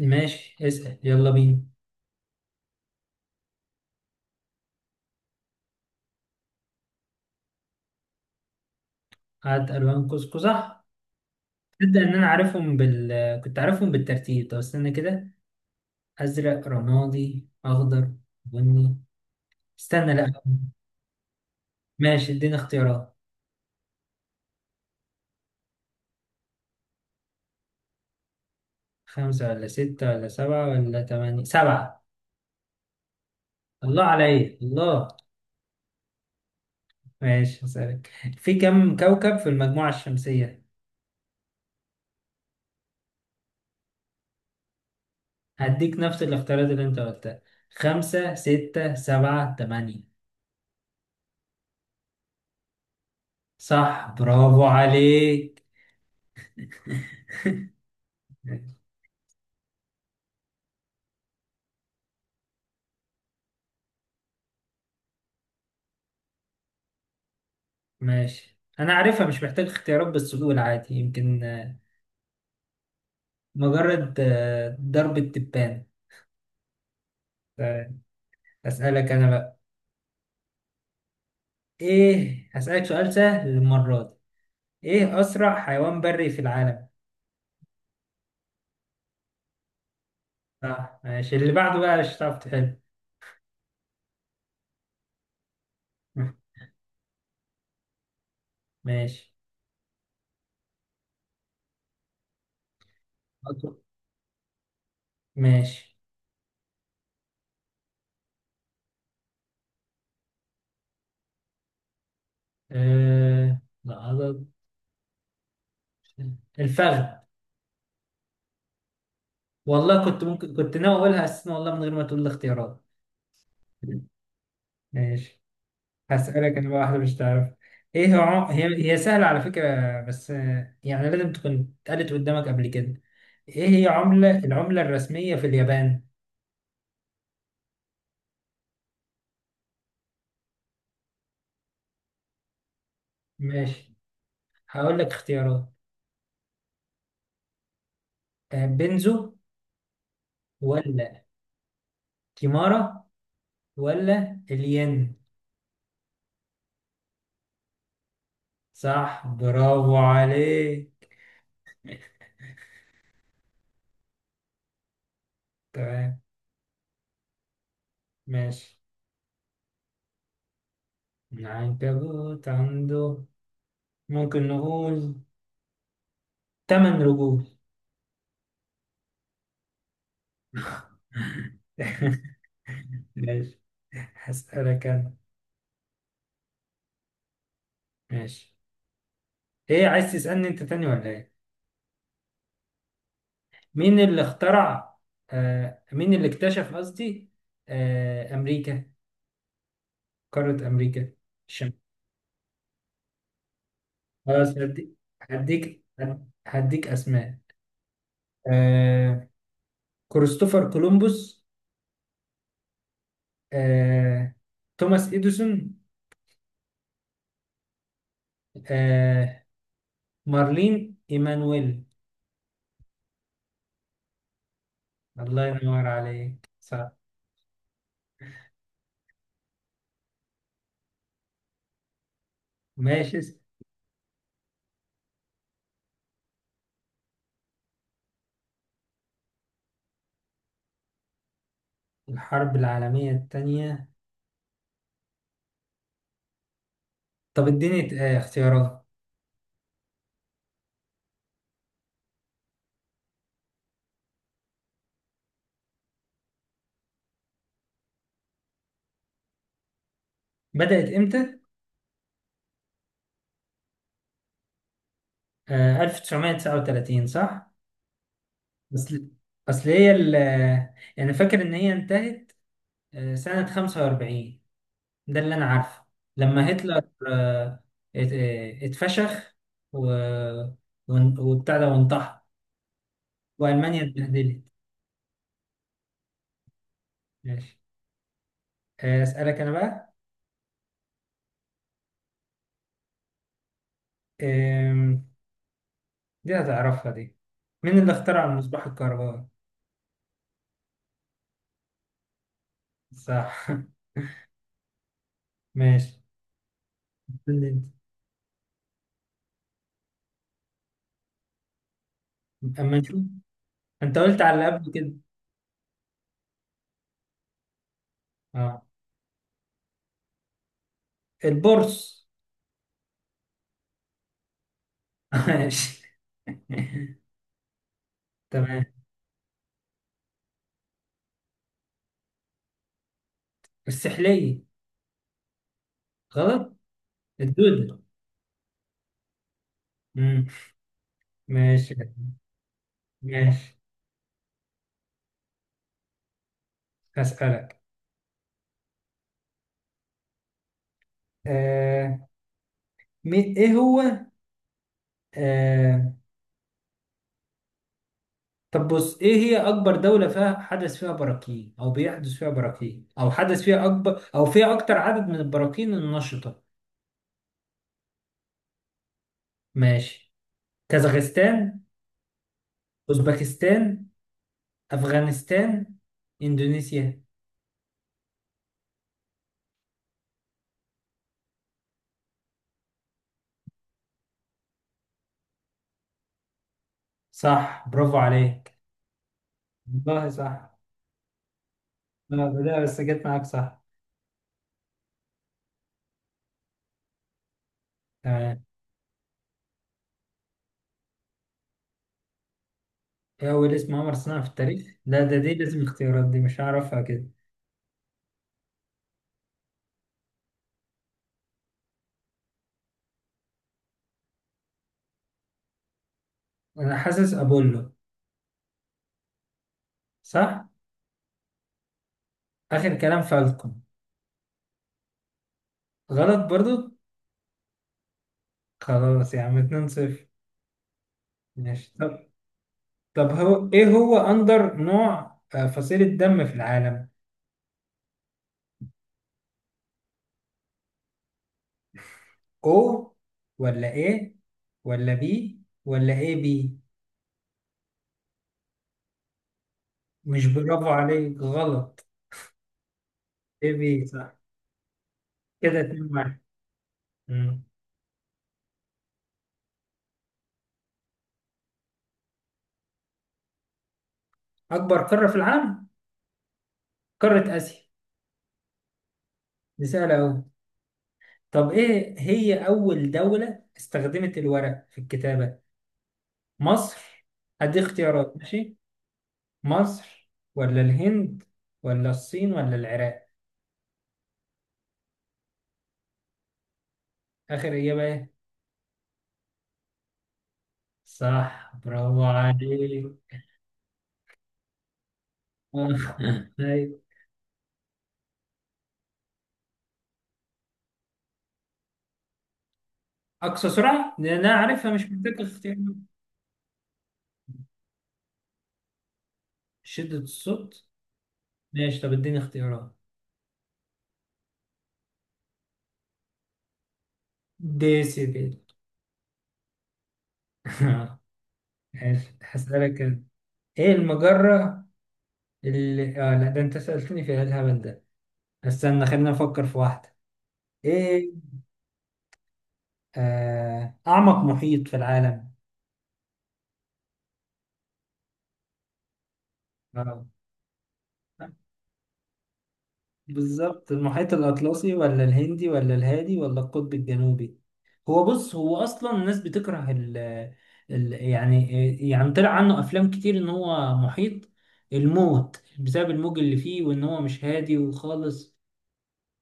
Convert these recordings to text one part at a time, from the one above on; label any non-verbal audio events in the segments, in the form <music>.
ماشي، اسأل يلا بينا. هات ألوان قوس قزح. تبدأ إن أنا عارفهم كنت عارفهم بالترتيب. طب استنى كده. أزرق، رمادي، أخضر، بني. استنى، لأ. ماشي، اديني اختيارات. خمسة ولا ستة ولا سبعة ولا تمانية. سبعة. الله عليا الله. ماشي، هسألك. في كم كوكب في المجموعة الشمسية؟ هديك نفس الاختيارات اللي أنت قلتها. خمسة، ستة، سبعة، تمانية. صح، برافو عليك. <laughs> ماشي، انا عارفها مش محتاج اختيارات، بس قول عادي يمكن. مجرد ضرب التبان. آه، اسالك انا بقى. ايه، هسالك سؤال سهل المره دي. ايه اسرع حيوان بري في العالم؟ صح، ماشي اللي بعده بقى مش هتعرف تحل. <laughs> ماشي، ماشي. لا، الفخذ. والله كنت ممكن، كنت ناوي اقولها اساسا والله من غير ما تقول لي اختيارات. ماشي، هسألك أنا بقى واحدة مش تعرف. إيه هي سهلة على فكرة، بس يعني لازم تكون اتقالت قدامك قبل كده. إيه هي العملة الرسمية في اليابان؟ ماشي، هقول لك اختيارات. بنزو، ولا كيمارا، ولا الين. صح، برافو عليك. تمام. ماشي. العنكبوت عنده، ممكن نقول، 8 رجول. <laughs> ماشي، هسألك أنا. ماشي، ايه عايز تسألني انت تاني ولا ايه؟ مين اللي اخترع مين اللي اكتشف قصدي، امريكا، قارة امريكا الشمال. خلاص، هديك، هديك اسماء. آه كريستوفر كولومبوس، آه توماس اديسون، آه مارلين ايمانويل. الله ينور عليك، صح. ماشي. الحرب العالمية الثانية. طب اديني اختيارات. بدأت امتى؟ 1939، صح. اصل اصل هي يعني فاكر ان هي انتهت سنة 45، ده اللي انا عارفه، لما هتلر آه، اتفشخ و... وبتاع ده وانتحر، والمانيا اتبهدلت. ماشي، اسالك انا بقى. آم، دي هتعرفها دي. مين اللي اخترع المصباح الكهربائي؟ صح. <laughs> ماشي. استنى. انت، اما نشوف. انت قلت على اللي قبل كده. اه، البورص. <laughs> ماشي. <laughs> تمام. السحلية. غلط، الدودة. مم. ماشي. ماشي، هسألك آه. مي- إيه هو آه. طب بص، إيه هي أكبر دولة فيها حدث فيها براكين، أو بيحدث فيها براكين، أو حدث فيها أكبر، أو فيها أكتر عدد من البراكين النشطة؟ ماشي. كازاخستان، أوزبكستان، أفغانستان، إندونيسيا. صح، برافو عليك. والله صح. لا، لا، بس جت معاك صح. تمام. ايه أول اسم قمر صنع في التاريخ؟ لا، ده دي لازم اختيارات، دي مش هعرفها كده. أنا حاسس أبولو، صح؟ آخر كلام، فالكون. غلط برضو؟ خلاص يا عم، 2-0. ماشي. طب هو إيه هو أندر نوع، فصيلة دم في العالم؟ أو، ولا إيه، ولا بي، ولا إيه بي؟ مش برافو عليك، غلط. إيه بي، صح. كده 2-1. مم. أكبر قارة في العالم؟ قارة آسيا. دي سهلة أوي. طب إيه هي أول دولة استخدمت الورق في الكتابة؟ مصر. هدي اختيارات، ماشي. مصر، ولا الهند، ولا الصين، ولا العراق. آخر إجابة إيه؟ صح، برافو عليك. <laughs> أيوة. أقصى سرعة؟ لأن أنا عارفها مش محتاج اختيارات. شدة الصوت. ماشي، طب اديني اختيارات. ديسيبل. <laughs> ماشي، هسألك أنا. إيه المجرة اللي لا، ده أنت سألتني في إيه الهبل ده. استنى خلينا نفكر في واحدة. ايه، اعمق محيط في العالم. آه. بالظبط، المحيط الاطلسي، ولا الهندي، ولا الهادي، ولا القطب الجنوبي. هو بص، هو اصلا الناس بتكره ال ال يعني طلع عنه افلام كتير ان هو محيط الموت بسبب الموج اللي فيه، وان هو مش هادي وخالص.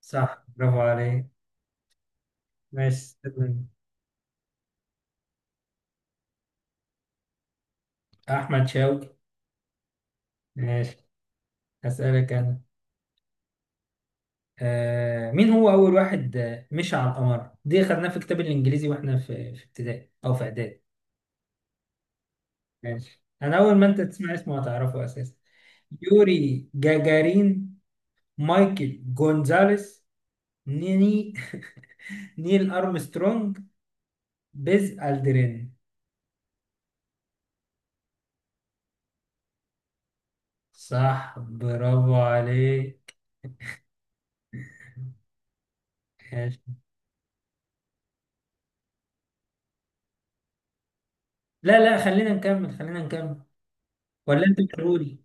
صح، برافو عليك. ماشي. احمد شوقي. ماشي، هسألك انا. مين هو أول واحد مشى على القمر؟ دي خدناها في الكتاب الإنجليزي وإحنا في ابتدائي أو في إعدادي. ماشي، أنا أول ما أنت تسمع اسمه هتعرفه أساسا. يوري جاجارين، مايكل جونزاليس، نيني، <laughs> نيل أرمسترونج، بيز ألدرين. صح، برافو عليك. ماشي. لا، لا، خلينا نكمل، خلينا نكمل. ولا أنت بتقولي.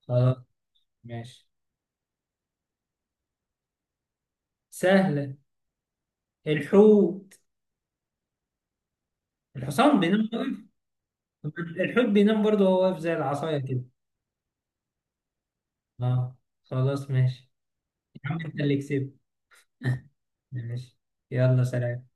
خلاص، ماشي. سهلة. الحوت. الحصان بينام. الحوت بينام برضه وهو واقف زي العصاية كده. اه، خلاص ماشي. يا عم انت اللي كسبت. <laughs> ماشي. يلا، سلام.